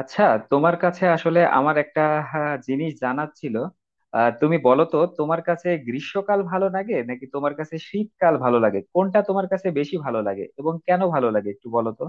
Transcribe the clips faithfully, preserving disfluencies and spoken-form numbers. আচ্ছা, তোমার কাছে আসলে আমার একটা, হ্যাঁ, জিনিস জানার ছিল। আহ, তুমি বলো তো তোমার কাছে গ্রীষ্মকাল ভালো লাগে নাকি তোমার কাছে শীতকাল ভালো লাগে, কোনটা তোমার কাছে বেশি ভালো লাগে এবং কেন ভালো লাগে একটু বলো তো।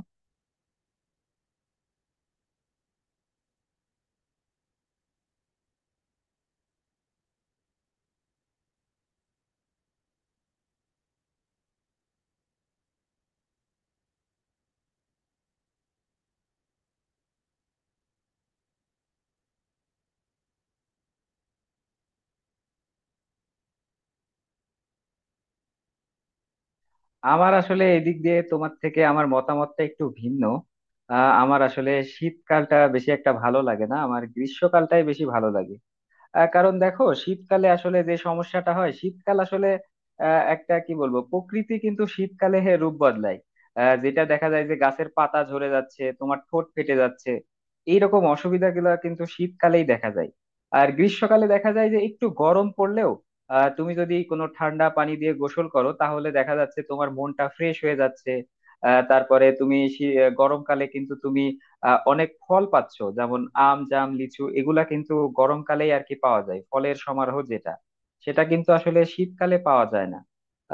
আমার আসলে এদিক দিয়ে তোমার থেকে আমার মতামতটা একটু ভিন্ন। আহ, আমার আসলে শীতকালটা বেশি একটা ভালো লাগে না, আমার গ্রীষ্মকালটাই বেশি ভালো লাগে। আহ, কারণ দেখো, শীতকালে আসলে যে সমস্যাটা হয়, শীতকাল আসলে আহ, একটা কি বলবো, প্রকৃতি কিন্তু শীতকালে হে রূপ বদলায়। আহ, যেটা দেখা যায় যে গাছের পাতা ঝরে যাচ্ছে, তোমার ঠোঁট ফেটে যাচ্ছে, এইরকম অসুবিধাগুলো কিন্তু শীতকালেই দেখা যায়। আর গ্রীষ্মকালে দেখা যায় যে একটু গরম পড়লেও আহ, তুমি যদি কোনো ঠান্ডা পানি দিয়ে গোসল করো তাহলে দেখা যাচ্ছে তোমার মনটা ফ্রেশ হয়ে যাচ্ছে। আহ, তারপরে তুমি শী- গরমকালে কিন্তু তুমি আহ, অনেক ফল পাচ্ছ, যেমন আম, জাম, লিচু, এগুলা কিন্তু গরমকালেই আর কি পাওয়া যায়, ফলের সমারোহ যেটা, সেটা কিন্তু আসলে শীতকালে পাওয়া যায় না।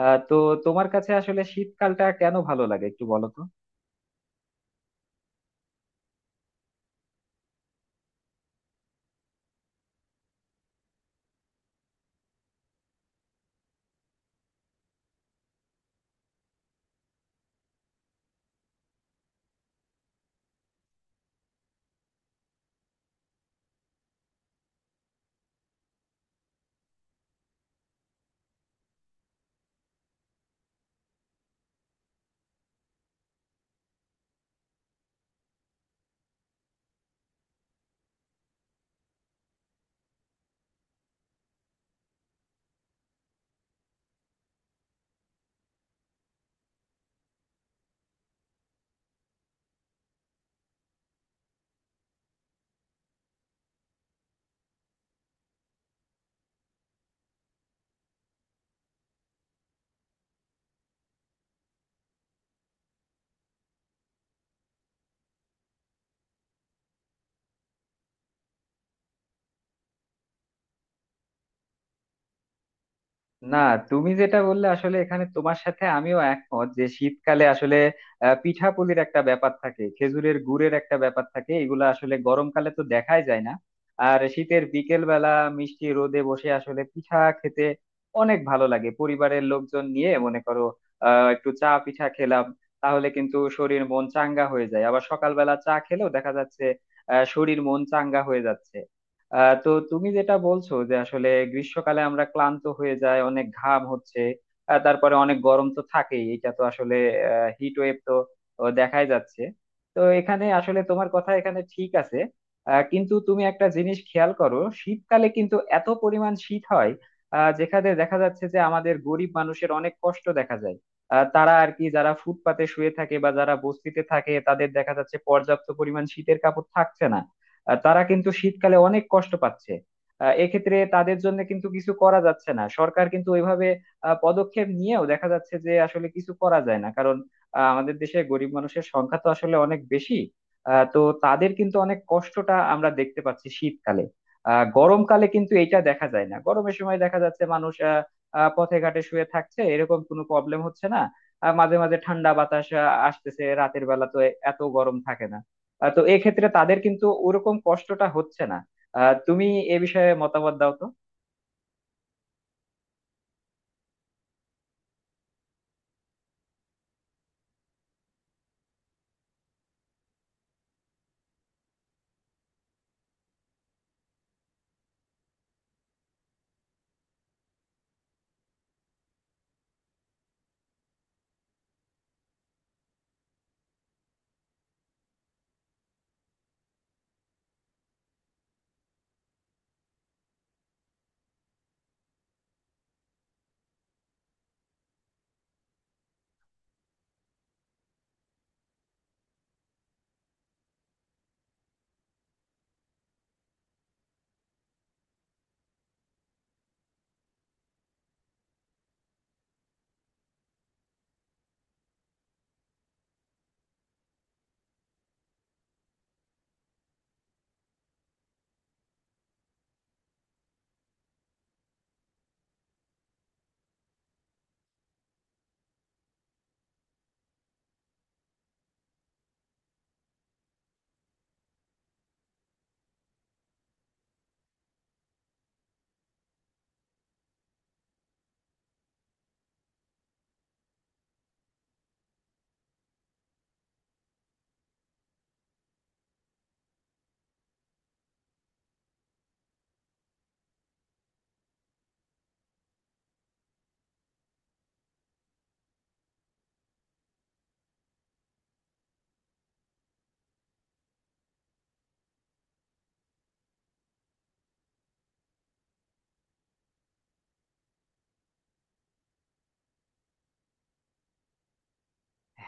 আহ তো তোমার কাছে আসলে শীতকালটা কেন ভালো লাগে একটু বলো তো। না, তুমি যেটা বললে আসলে এখানে তোমার সাথে আমিও একমত যে শীতকালে আসলে আহ, পিঠাপুলির একটা ব্যাপার থাকে, খেজুরের গুড়ের একটা ব্যাপার থাকে, এগুলো আসলে গরমকালে তো দেখাই যায় না। আর শীতের বিকেল বেলা মিষ্টি রোদে বসে আসলে পিঠা খেতে অনেক ভালো লাগে। পরিবারের লোকজন নিয়ে মনে করো আহ একটু চা পিঠা খেলাম, তাহলে কিন্তু শরীর মন চাঙ্গা হয়ে যায়। আবার সকালবেলা চা খেলেও দেখা যাচ্ছে আহ শরীর মন চাঙ্গা হয়ে যাচ্ছে। আহ তো তুমি যেটা বলছো যে আসলে গ্রীষ্মকালে আমরা ক্লান্ত হয়ে যায়, অনেক ঘাম হচ্ছে, আহ, তারপরে অনেক গরম তো থাকেই, এটা তো আসলে হিট ওয়েভ তো, তো দেখাই যাচ্ছে। তো এখানে আসলে তোমার কথা এখানে ঠিক আছে। আহ, কিন্তু তুমি একটা জিনিস খেয়াল করো, শীতকালে কিন্তু এত পরিমাণ শীত হয় আহ, যেখানে দেখা যাচ্ছে যে আমাদের গরিব মানুষের অনেক কষ্ট দেখা যায়। আহ, তারা আর কি, যারা ফুটপাতে শুয়ে থাকে বা যারা বস্তিতে থাকে, তাদের দেখা যাচ্ছে পর্যাপ্ত পরিমাণ শীতের কাপড় থাকছে না। আহ, তারা কিন্তু শীতকালে অনেক কষ্ট পাচ্ছে। আহ, এক্ষেত্রে তাদের জন্য কিন্তু কিছু করা যাচ্ছে না, সরকার কিন্তু ওইভাবে আহ, পদক্ষেপ নিয়েও দেখা যাচ্ছে যে আসলে কিছু করা যায় না, কারণ আহ, আমাদের দেশে গরিব মানুষের সংখ্যা তো আসলে অনেক বেশি। আহ, তো তাদের কিন্তু অনেক কষ্টটা আমরা দেখতে পাচ্ছি শীতকালে। আহ গরমকালে কিন্তু এটা দেখা যায় না। গরমের সময় দেখা যাচ্ছে মানুষ আহ, আহ, পথে ঘাটে শুয়ে থাকছে, এরকম কোনো প্রবলেম হচ্ছে না। আহ, মাঝে মাঝে ঠান্ডা বাতাস আহ, আসতেছে, রাতের বেলা তো এ- এত গরম থাকে না। আহ, তো এক্ষেত্রে তাদের কিন্তু ওরকম কষ্টটা হচ্ছে না। আহ, তুমি এ বিষয়ে মতামত দাও তো।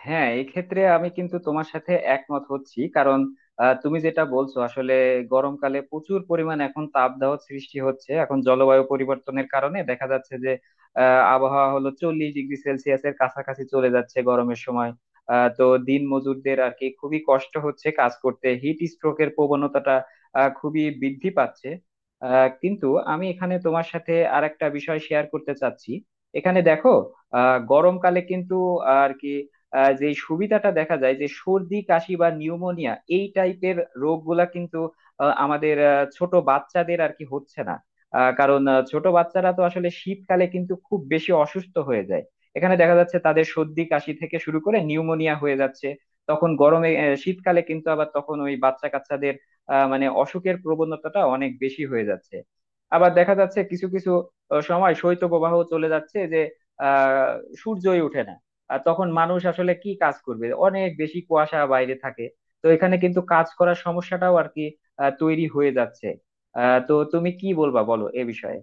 হ্যাঁ, এক্ষেত্রে আমি কিন্তু তোমার সাথে একমত হচ্ছি, কারণ আহ, তুমি যেটা বলছো আসলে গরমকালে প্রচুর পরিমাণ এখন তাপদাহ সৃষ্টি হচ্ছে। এখন জলবায়ু পরিবর্তনের কারণে দেখা যাচ্ছে যে আহ, আবহাওয়া হলো চল্লিশ ডিগ্রি সেলসিয়াসের কাছাকাছি চলে যাচ্ছে গরমের সময়। আহ, তো দিন মজুরদের আর কি খুবই কষ্ট হচ্ছে কাজ করতে, হিট স্ট্রোকের প্রবণতাটা আহ, খুবই বৃদ্ধি পাচ্ছে। আহ, কিন্তু আমি এখানে তোমার সাথে আরেকটা বিষয় শেয়ার করতে চাচ্ছি। এখানে দেখো আহ গরমকালে কিন্তু আর কি আহ, যে সুবিধাটা দেখা যায় যে সর্দি কাশি বা নিউমোনিয়া এই টাইপের রোগগুলা কিন্তু আহ, আমাদের আহ, ছোট বাচ্চাদের আর কি হচ্ছে না। আহ, কারণ আহ, ছোট বাচ্চারা তো আসলে শীতকালে কিন্তু খুব বেশি অসুস্থ হয়ে যায়। এখানে দেখা যাচ্ছে তাদের সর্দি কাশি থেকে শুরু করে নিউমোনিয়া হয়ে যাচ্ছে। তখন গরমে আহ, শীতকালে কিন্তু আবার তখন ওই বাচ্চা কাচ্চাদের আহ, মানে অসুখের প্রবণতাটা অনেক বেশি হয়ে যাচ্ছে। আবার দেখা যাচ্ছে কিছু কিছু আহ, সময় শৈত্যপ্রবাহ চলে যাচ্ছে যে আহ সূর্যই ওঠে না। আর তখন মানুষ আসলে কি কাজ করবে, অনেক বেশি কুয়াশা বাইরে থাকে। তো এখানে কিন্তু কাজ করার সমস্যাটাও আর কি আহ, তৈরি হয়ে যাচ্ছে। আহ তো তুমি কি বলবা বলো এ বিষয়ে।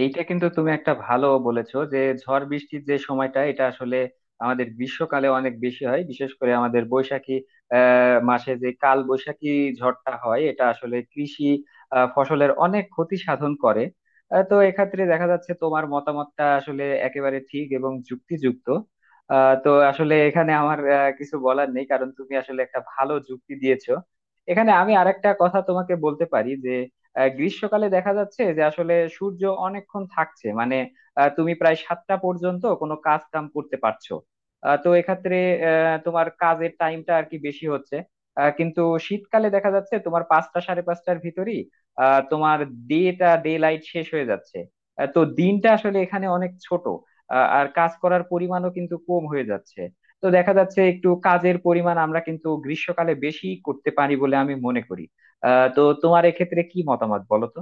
এইটা কিন্তু তুমি একটা ভালো বলেছো যে ঝড় বৃষ্টির যে সময়টা এটা আসলে আমাদের গ্রীষ্মকালে অনেক বেশি হয়। বিশেষ করে আমাদের বৈশাখী আহ, মাসে যে কাল বৈশাখী ঝড়টা হয় এটা আসলে কৃষি আহ, ফসলের অনেক ক্ষতি সাধন করে। আহ, তো এক্ষেত্রে দেখা যাচ্ছে তোমার মতামতটা আসলে একেবারে ঠিক এবং যুক্তিযুক্ত। আহ, তো আসলে এখানে আমার আহ, কিছু বলার নেই, কারণ তুমি আসলে একটা ভালো যুক্তি দিয়েছো। এখানে আমি আরেকটা কথা তোমাকে বলতে পারি যে আহ, গ্রীষ্মকালে দেখা যাচ্ছে যে আসলে সূর্য অনেকক্ষণ থাকছে, মানে আহ, তুমি প্রায় সাতটা পর্যন্ত কোনো কাজ কাম করতে পারছো। আহ, তো এক্ষেত্রে আহ, তোমার কাজের টাইমটা আর কি বেশি হচ্ছে। আহ, কিন্তু শীতকালে দেখা যাচ্ছে তোমার পাঁচটা সাড়ে পাঁচটার ভিতরই আহ, তোমার ডেটা ডে লাইট শেষ হয়ে যাচ্ছে। আহ, তো দিনটা আসলে এখানে অনেক ছোট, আহ, আর কাজ করার পরিমাণও কিন্তু কম হয়ে যাচ্ছে। তো দেখা যাচ্ছে একটু কাজের পরিমাণ আমরা কিন্তু গ্রীষ্মকালে বেশি করতে পারি বলে আমি মনে করি। আহ, তো তোমার এক্ষেত্রে কি মতামত বলো তো।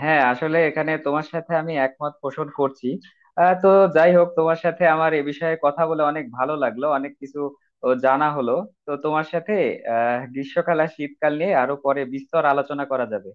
হ্যাঁ, আসলে এখানে তোমার সাথে আমি একমত পোষণ করছি। আহ, তো যাই হোক, তোমার সাথে আমার এ বিষয়ে কথা বলে অনেক ভালো লাগলো, অনেক কিছু ও জানা হলো। তো তোমার সাথে আহ গ্রীষ্মকাল আর শীতকাল নিয়ে আরো পরে বিস্তর আলোচনা করা যাবে।